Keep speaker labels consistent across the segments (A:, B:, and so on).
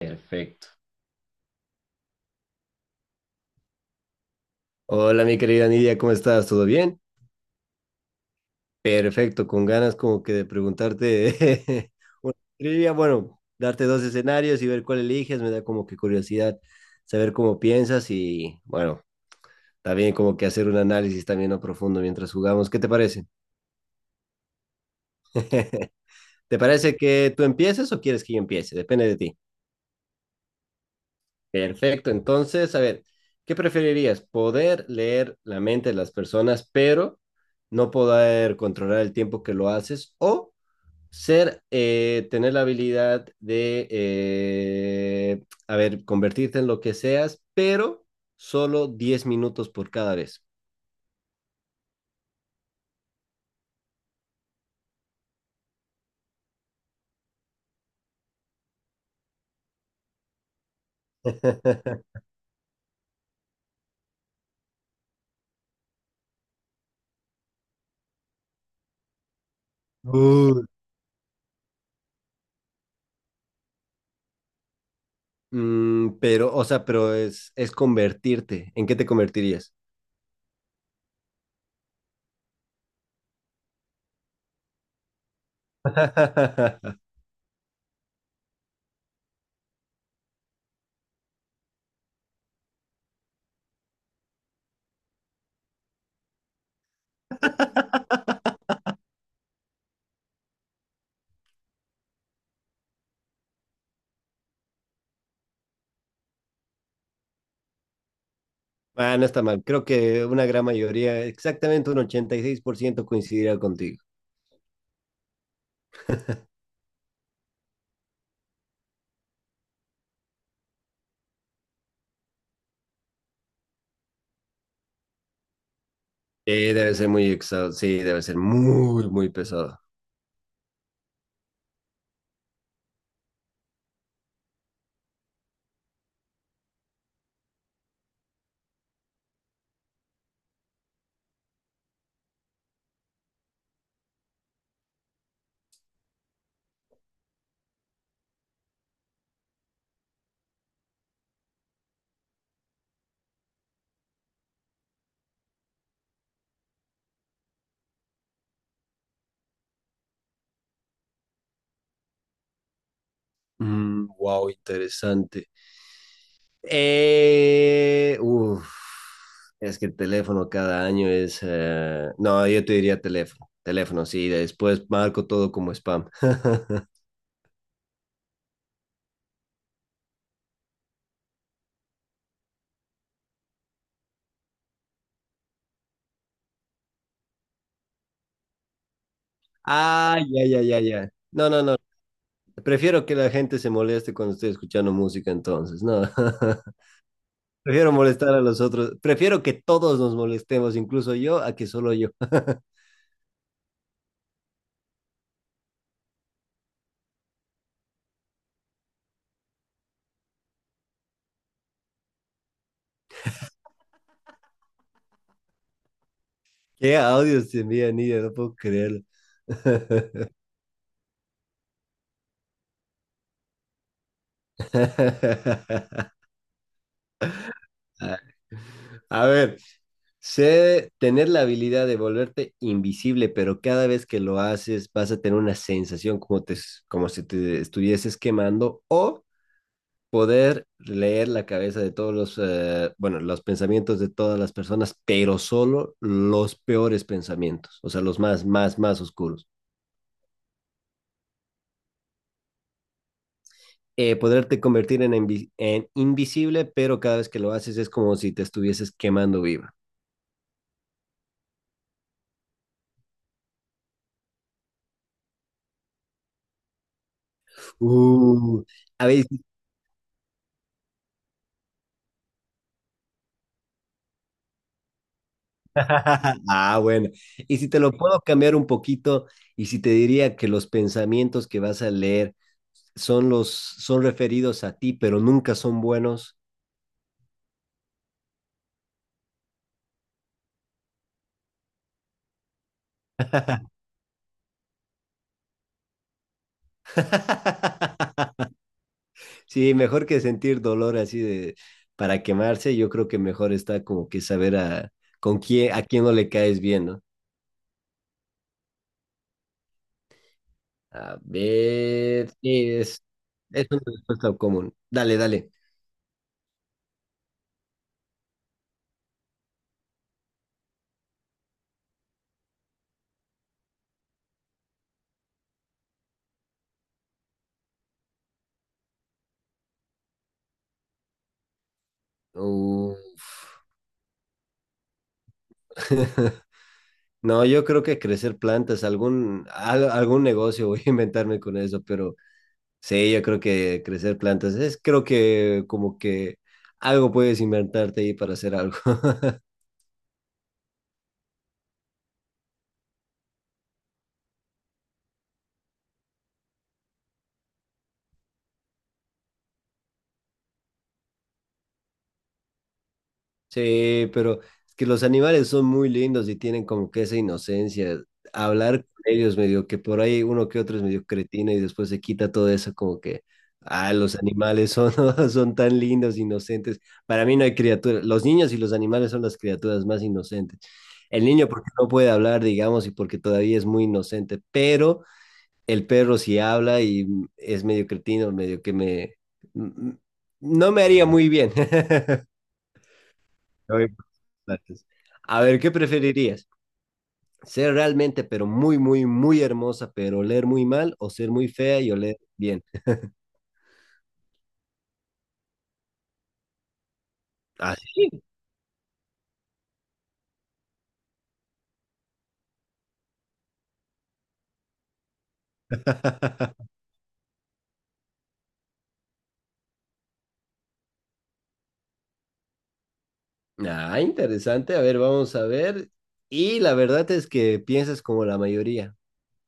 A: Perfecto. Hola, mi querida Nidia, ¿cómo estás? ¿Todo bien? Perfecto, con ganas como que de preguntarte una trivia, bueno, darte dos escenarios y ver cuál eliges, me da como que curiosidad saber cómo piensas y bueno, también como que hacer un análisis también a profundo mientras jugamos. ¿Qué te parece? ¿Te parece que tú empieces o quieres que yo empiece? Depende de ti. Perfecto, entonces, a ver, ¿qué preferirías? ¿Poder leer la mente de las personas, pero no poder controlar el tiempo que lo haces? ¿O ser, tener la habilidad de, a ver, convertirte en lo que seas, pero solo 10 minutos por cada vez? Uh. Mm, pero, o sea, pero es convertirte. ¿En qué te convertirías? Ah, no está mal. Creo que una gran mayoría, exactamente un 86% coincidirá contigo. Debe ser muy exhausto. Sí, debe ser muy, muy pesado. Mm, wow, interesante. Eh, uf, es que el teléfono cada año es... No, yo te diría teléfono. Teléfono, sí. Después marco todo como spam. Ah, ya, ya, ya, ya. No, no, no. Prefiero que la gente se moleste cuando estoy escuchando música entonces, ¿no? Prefiero molestar a los otros. Prefiero que todos nos molestemos, incluso yo, a que solo yo. Qué audios te envían, Nidia, no puedo creerlo. A ver, sé tener la habilidad de volverte invisible, pero cada vez que lo haces vas a tener una sensación como, como si te estuvieses quemando o poder leer la cabeza de todos los, los pensamientos de todas las personas, pero solo los peores pensamientos, o sea, los más, más, más oscuros. Poderte convertir en, en invisible, pero cada vez que lo haces es como si te estuvieses quemando viva. Uh, a ver, ah, bueno. Y si te lo puedo cambiar un poquito, y si te diría que los pensamientos que vas a leer son referidos a ti, pero nunca son buenos. Sí, mejor que sentir dolor así de para quemarse, yo creo que mejor está como que saber a con quién a quién no le caes bien, ¿no? A ver, sí, es una respuesta común. Dale, dale. Uh, No, yo creo que crecer plantas, algún negocio voy a inventarme con eso, pero sí, yo creo que crecer plantas es, creo que como que algo puedes inventarte ahí para hacer algo. Sí, pero es que los animales son muy lindos y tienen como que esa inocencia. Hablar con ellos medio que por ahí uno que otro es medio cretino y después se quita todo eso como que, ah, los animales son, son tan lindos, inocentes. Para mí no hay criatura. Los niños y los animales son las criaturas más inocentes. El niño porque no puede hablar, digamos, y porque todavía es muy inocente, pero el perro sí habla y es medio cretino, medio que me... No me haría muy bien. Hoy por los platos. A ver, ¿qué preferirías? ¿Ser realmente, pero muy, muy, muy hermosa, pero oler muy mal? ¿O ser muy fea y oler bien? Así. Ah, interesante. A ver, vamos a ver. Y la verdad es que piensas como la mayoría.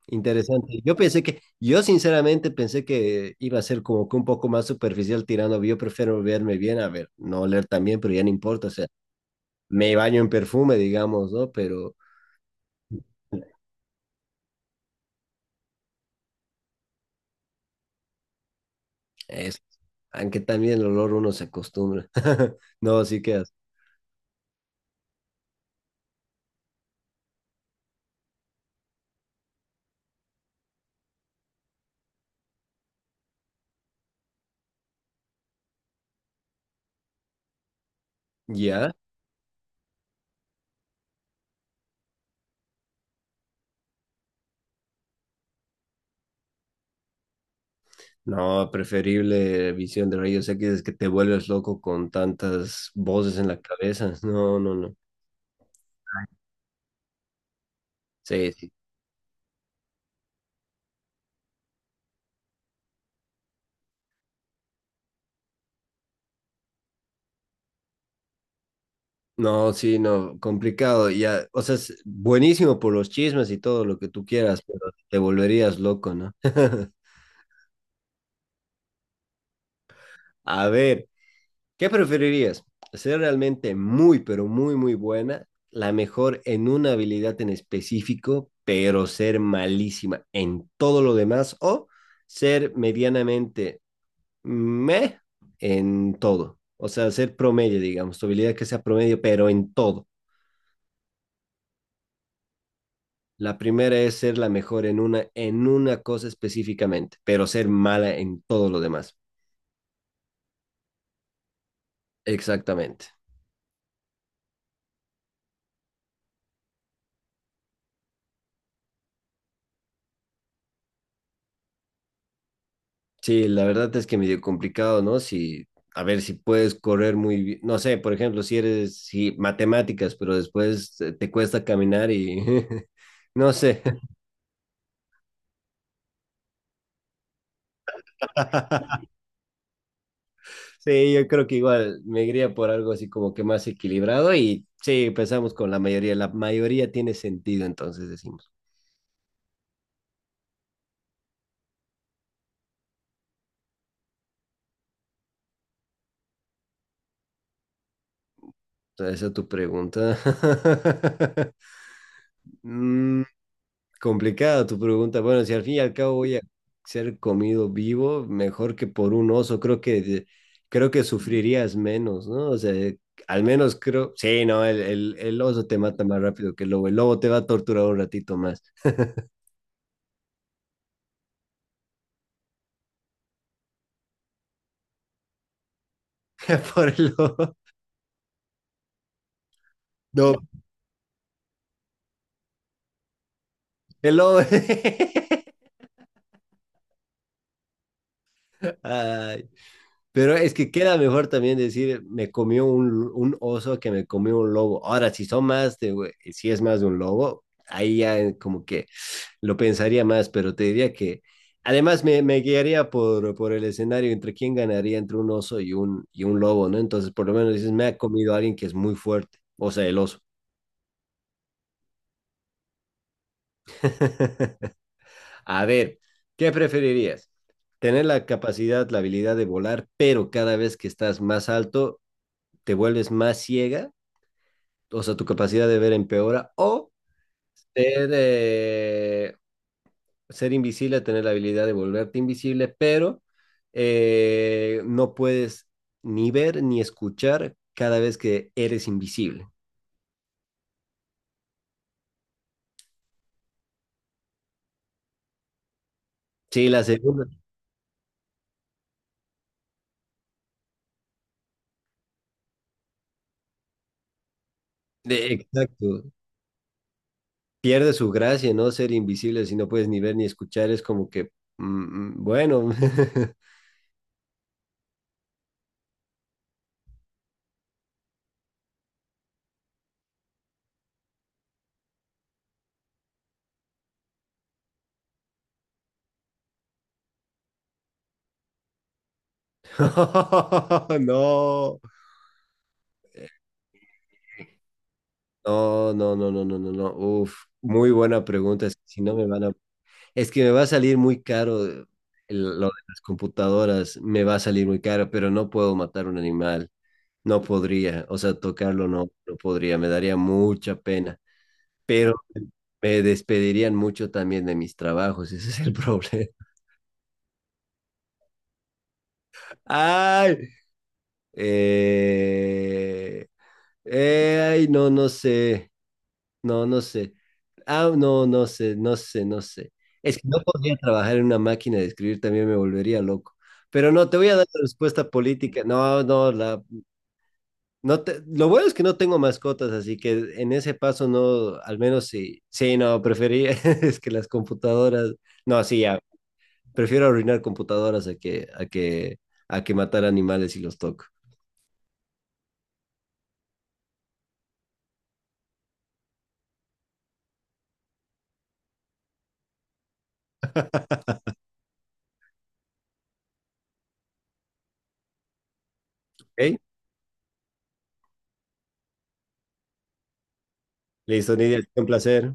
A: Interesante. Yo sinceramente pensé que iba a ser como que un poco más superficial tirando. Yo prefiero verme bien, a ver, no oler tan bien, pero ya no importa. O sea, me baño en perfume, digamos, ¿no? Pero es. Aunque también el olor uno se acostumbra. No, sí quedas. ¿Ya? No, preferible visión de rayos X. Es que te vuelves loco con tantas voces en la cabeza. No, no, no. Sí, sí. No, sí, no, complicado. Ya, o sea, es buenísimo por los chismes y todo lo que tú quieras, pero te volverías loco, ¿no? A ver, ¿qué preferirías? ¿Ser realmente muy, pero muy, muy buena, la mejor en una habilidad en específico, pero ser malísima en todo lo demás? ¿O ser medianamente meh en todo? O sea, ser promedio, digamos, tu habilidad que sea promedio, pero en todo. La primera es ser la mejor en una cosa específicamente, pero ser mala en todo lo demás. Exactamente. Sí, la verdad es que medio complicado, ¿no? Si, a ver, si puedes correr muy bien, no sé, por ejemplo, si matemáticas, pero después te cuesta caminar y no sé. Sí, yo creo que igual me iría por algo así como que más equilibrado y sí, empezamos con la mayoría. La mayoría tiene sentido, entonces decimos. O sea, esa es tu pregunta. Mm, complicada tu pregunta. Bueno, si al fin y al cabo voy a ser comido vivo, mejor que por un oso, creo que sufrirías menos, ¿no? O sea, al menos creo, sí, no, el oso te mata más rápido que el lobo. El lobo te va a torturar un ratito más. Por el lobo. No, el lobo. Ay, pero es que queda mejor también decir, me comió un oso que me comió un lobo. Ahora, si es más de un lobo, ahí ya como que lo pensaría más, pero te diría que me guiaría por el escenario entre quién ganaría entre un oso y y un lobo, ¿no? Entonces, por lo menos dices, me ha comido alguien que es muy fuerte, o sea, el oso. A ver, ¿qué preferirías? Tener la capacidad, la habilidad de volar, pero cada vez que estás más alto, te vuelves más ciega, o sea, tu capacidad de ver empeora, o ser ser invisible, tener la habilidad de volverte invisible, pero no puedes ni ver ni escuchar cada vez que eres invisible. Sí, la segunda. De- exacto. Pierde su gracia, ¿no? Ser invisible si no puedes ni ver ni escuchar es como que, mm, mm, bueno, no, no, no, no, no, no, no, no. Uf, muy buena pregunta. Es que si no me van a. Es que me va a salir muy caro lo de las computadoras, me va a salir muy caro, pero no puedo matar un animal, no podría, o sea, tocarlo no, no podría, me daría mucha pena, pero me despedirían mucho también de mis trabajos, ese es el problema. ¡Ay! Eh, ay, no, no sé. No, no sé. Ah, no, no sé, no sé, no sé. Es que no podría trabajar en una máquina de escribir, también me volvería loco. Pero no, te voy a dar la respuesta política. No te, lo bueno es que no tengo mascotas, así que en ese paso no, al menos sí, sí, no, prefería, es que las computadoras, no, sí, ya, prefiero arruinar computadoras a que matar animales si los toco. ¿Ok? Listo, Nidia, un placer.